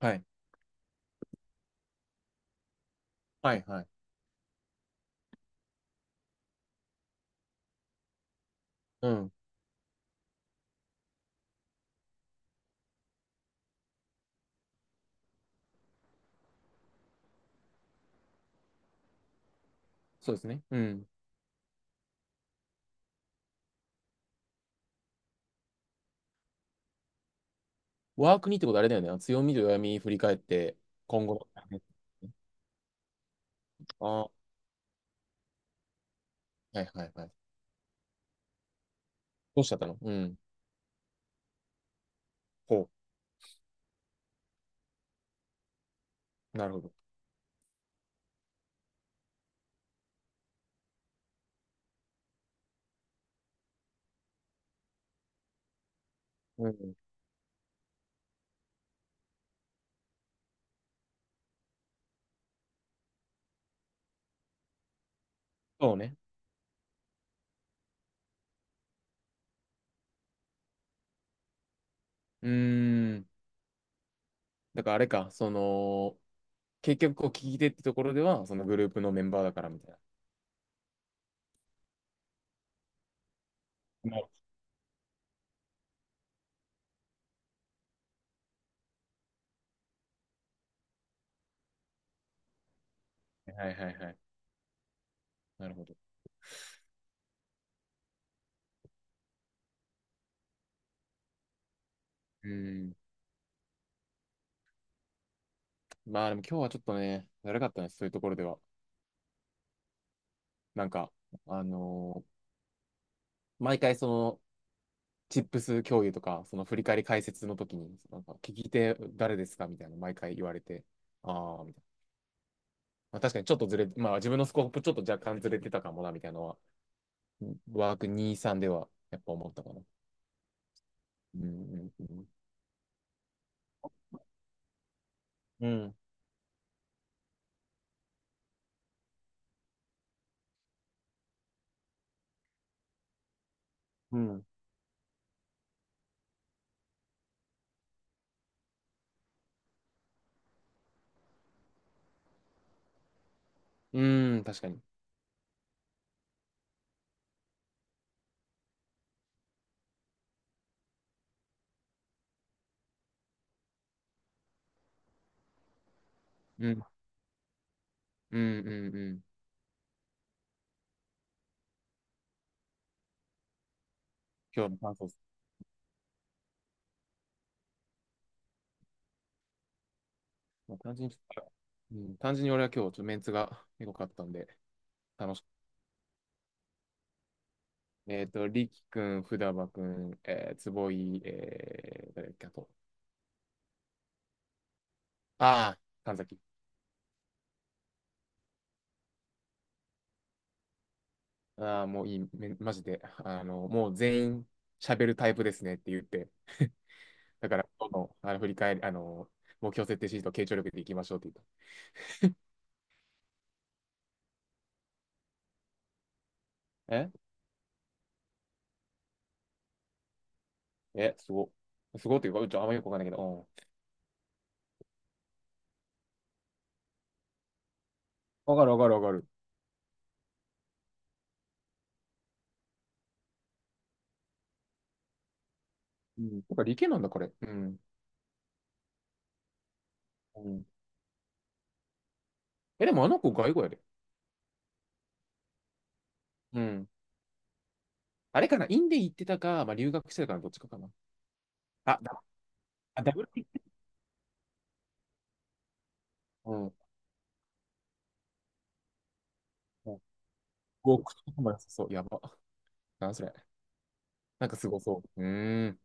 はい。はい、はい。うん。そうですね。うん。ワークにってことあれだよね。強みと弱み振り返って、今後の。ああ、はいはいはい。どうしちゃったの。うん。ほう。なるほど。うん。そうね。うーん。だからあれか、その、結局こう聞き手ってところでは、そのグループのメンバーだからみたいな。なるほどね。はいはいはい。なるほど。うーん。まあでも今日はちょっとね、だるかったね、そういうところでは。なんか、あのー毎回そのチップス共有とか、その振り返り解説の時に、なんか聞き手誰ですかみたいな、毎回言われて、ああ、みたいな。まあ、確かにちょっとずれ、まあ自分のスコープちょっと若干ずれてたかもな、みたいなのは、ワーク2、3ではやっぱ思ったかな。うん、うん、うん。うん、うん、確かに。うん、うん、うん、うん。今日の感想です。まあ、単純に、うん、単純に俺は今日ちょっとメンツがエかったんで、楽しかった。リキ君、ふだば君、坪井、誰だっけ、あと、ああ、神崎。ああ、もういい、めマジで。もう全員喋るタイプですねって言って。だから、今日の、あの振り返り、目標設定シート、傾聴力でいきましょうって言った。ええ、すご。すごっていうか、うちょあんまよくわかんないけど、うん。わかるわかるわかる。うん。だから理系なんだ、これ。うん。うん。え、でもあの子、外語やで。うん。あれかな、インで行ってたか、まあ、留学してたかな、どっちかかな。あ、だ、ダブルピック。うん。うん。ご口とかも良さそう。やば。なんそれ。なんかすごそう。うーん。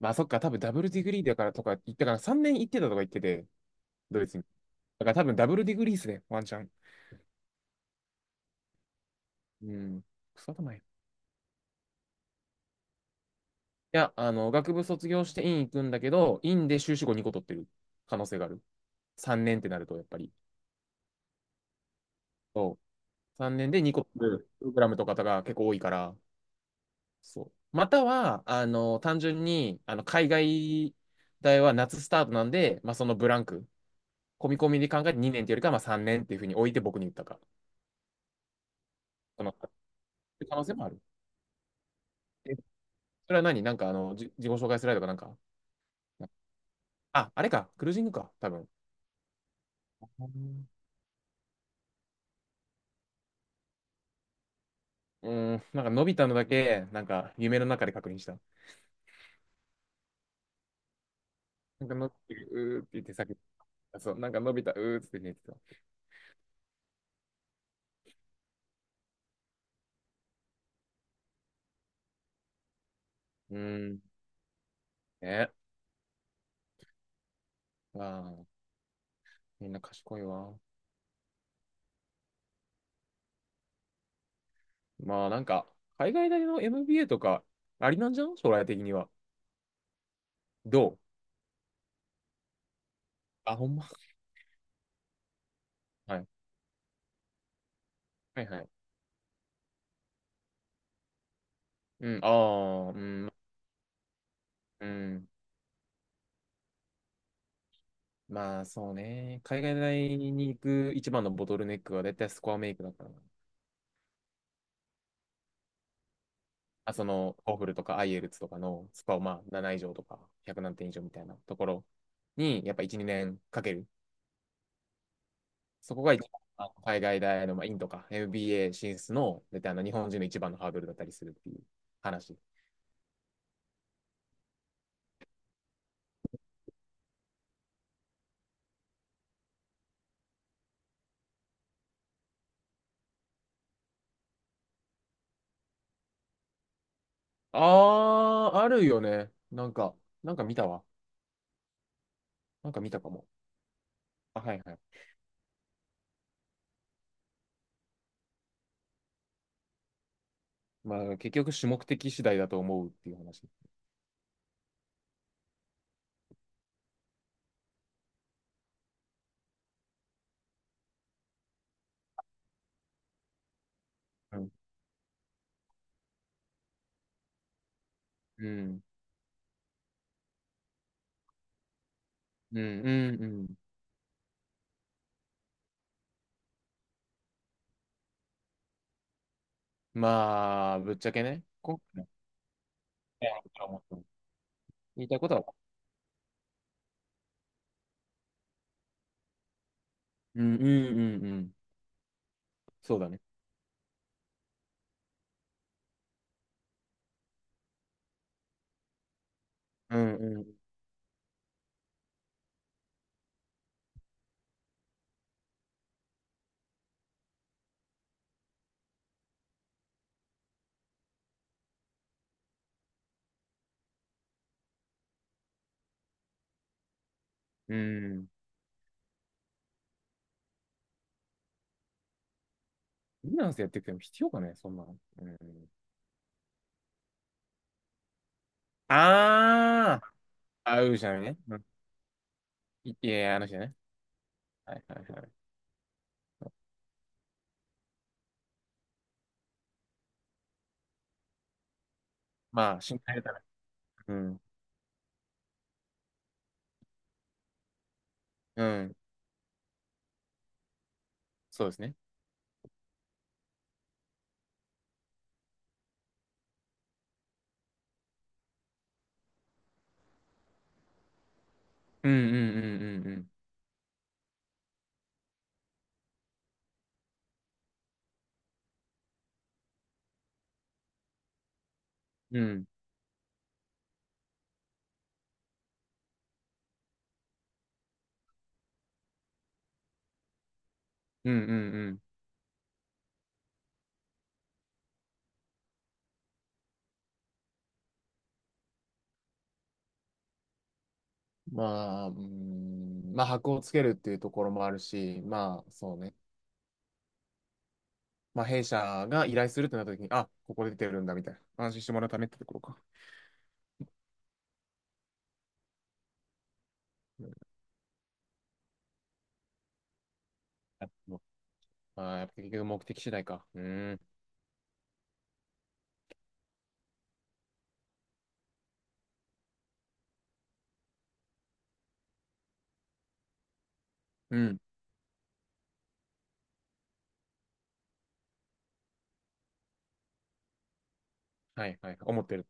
まあそっか、多分ダブルディグリーだからとか言ったから、3年行ってたとか言ってて、ドイツに。だから多分ダブルディグリーっすね、ワンチャン。うん。クソ頭や。いや、学部卒業して院行くんだけど、院で修士後2個取ってる可能性がある。3年ってなると、やっぱり。そう。3年で2個取るプログラムとかが結構多いから、そう。または、単純に、海外大は夏スタートなんで、まあそのブランク、込み込みで考えて2年っていうよりかは、まあ3年っていうふうに置いて僕に言ったか。その可能性もある。それは何なんか自己紹介スライドかなんか。あ、あれか。クルージングか。多分。うん、なんか、伸びたのだけ、なんか、夢の中で確認した。なんか、のび太、うーって言って叫ぶ。あそう、なんか、伸びたうーって言ってた。うーん、ね。まあ、みんな賢いわ。まあ、なんか、海外大の MBA とか、ありなんじゃん将来的には。どうあ、ほんま。はい。はいはい。うん、ああ、うん、うん。まあ、そうね。海外大に行く一番のボトルネックは、絶対スコアメイクだからな。ホーフルとか IELTS とかのスコアをまあ7以上とか100何点以上みたいなところに、やっぱ1、2年かける。そこが一番海外大の、まあ、とか MBA 進出の、絶対あの日本人の一番のハードルだったりするっていう話。あー、あるよね。なんか、なんか見たわ。なんか見たかも。あ、はいはい。まあ、結局、主目的次第だと思うっていう話。うん。うん。うん。うん。うん。まあ、ぶっちゃけね。今回ね言いたいことはうん、うん、うん、うん。そうだね。うん、うん、うん。フリーランスやってくても必要かね、そんなの。うん。あーあ、うーじゃね。うん。いいや、あの人ね。はいはいはい。まあ、心配だから。うん。うん。そうですね。うん、うん、うん、うん、うん。うん、うん、うん、うん。まあ、うん、まあ、箔をつけるっていうところもあるし、まあ、そうね。まあ、弊社が依頼するってなった時に、あ、ここで出てるんだ、みたいな。安心してもらうためってところか。うん、あもうあーやっぱ結局目的次第か。うん。うん。はいはい。思ってる。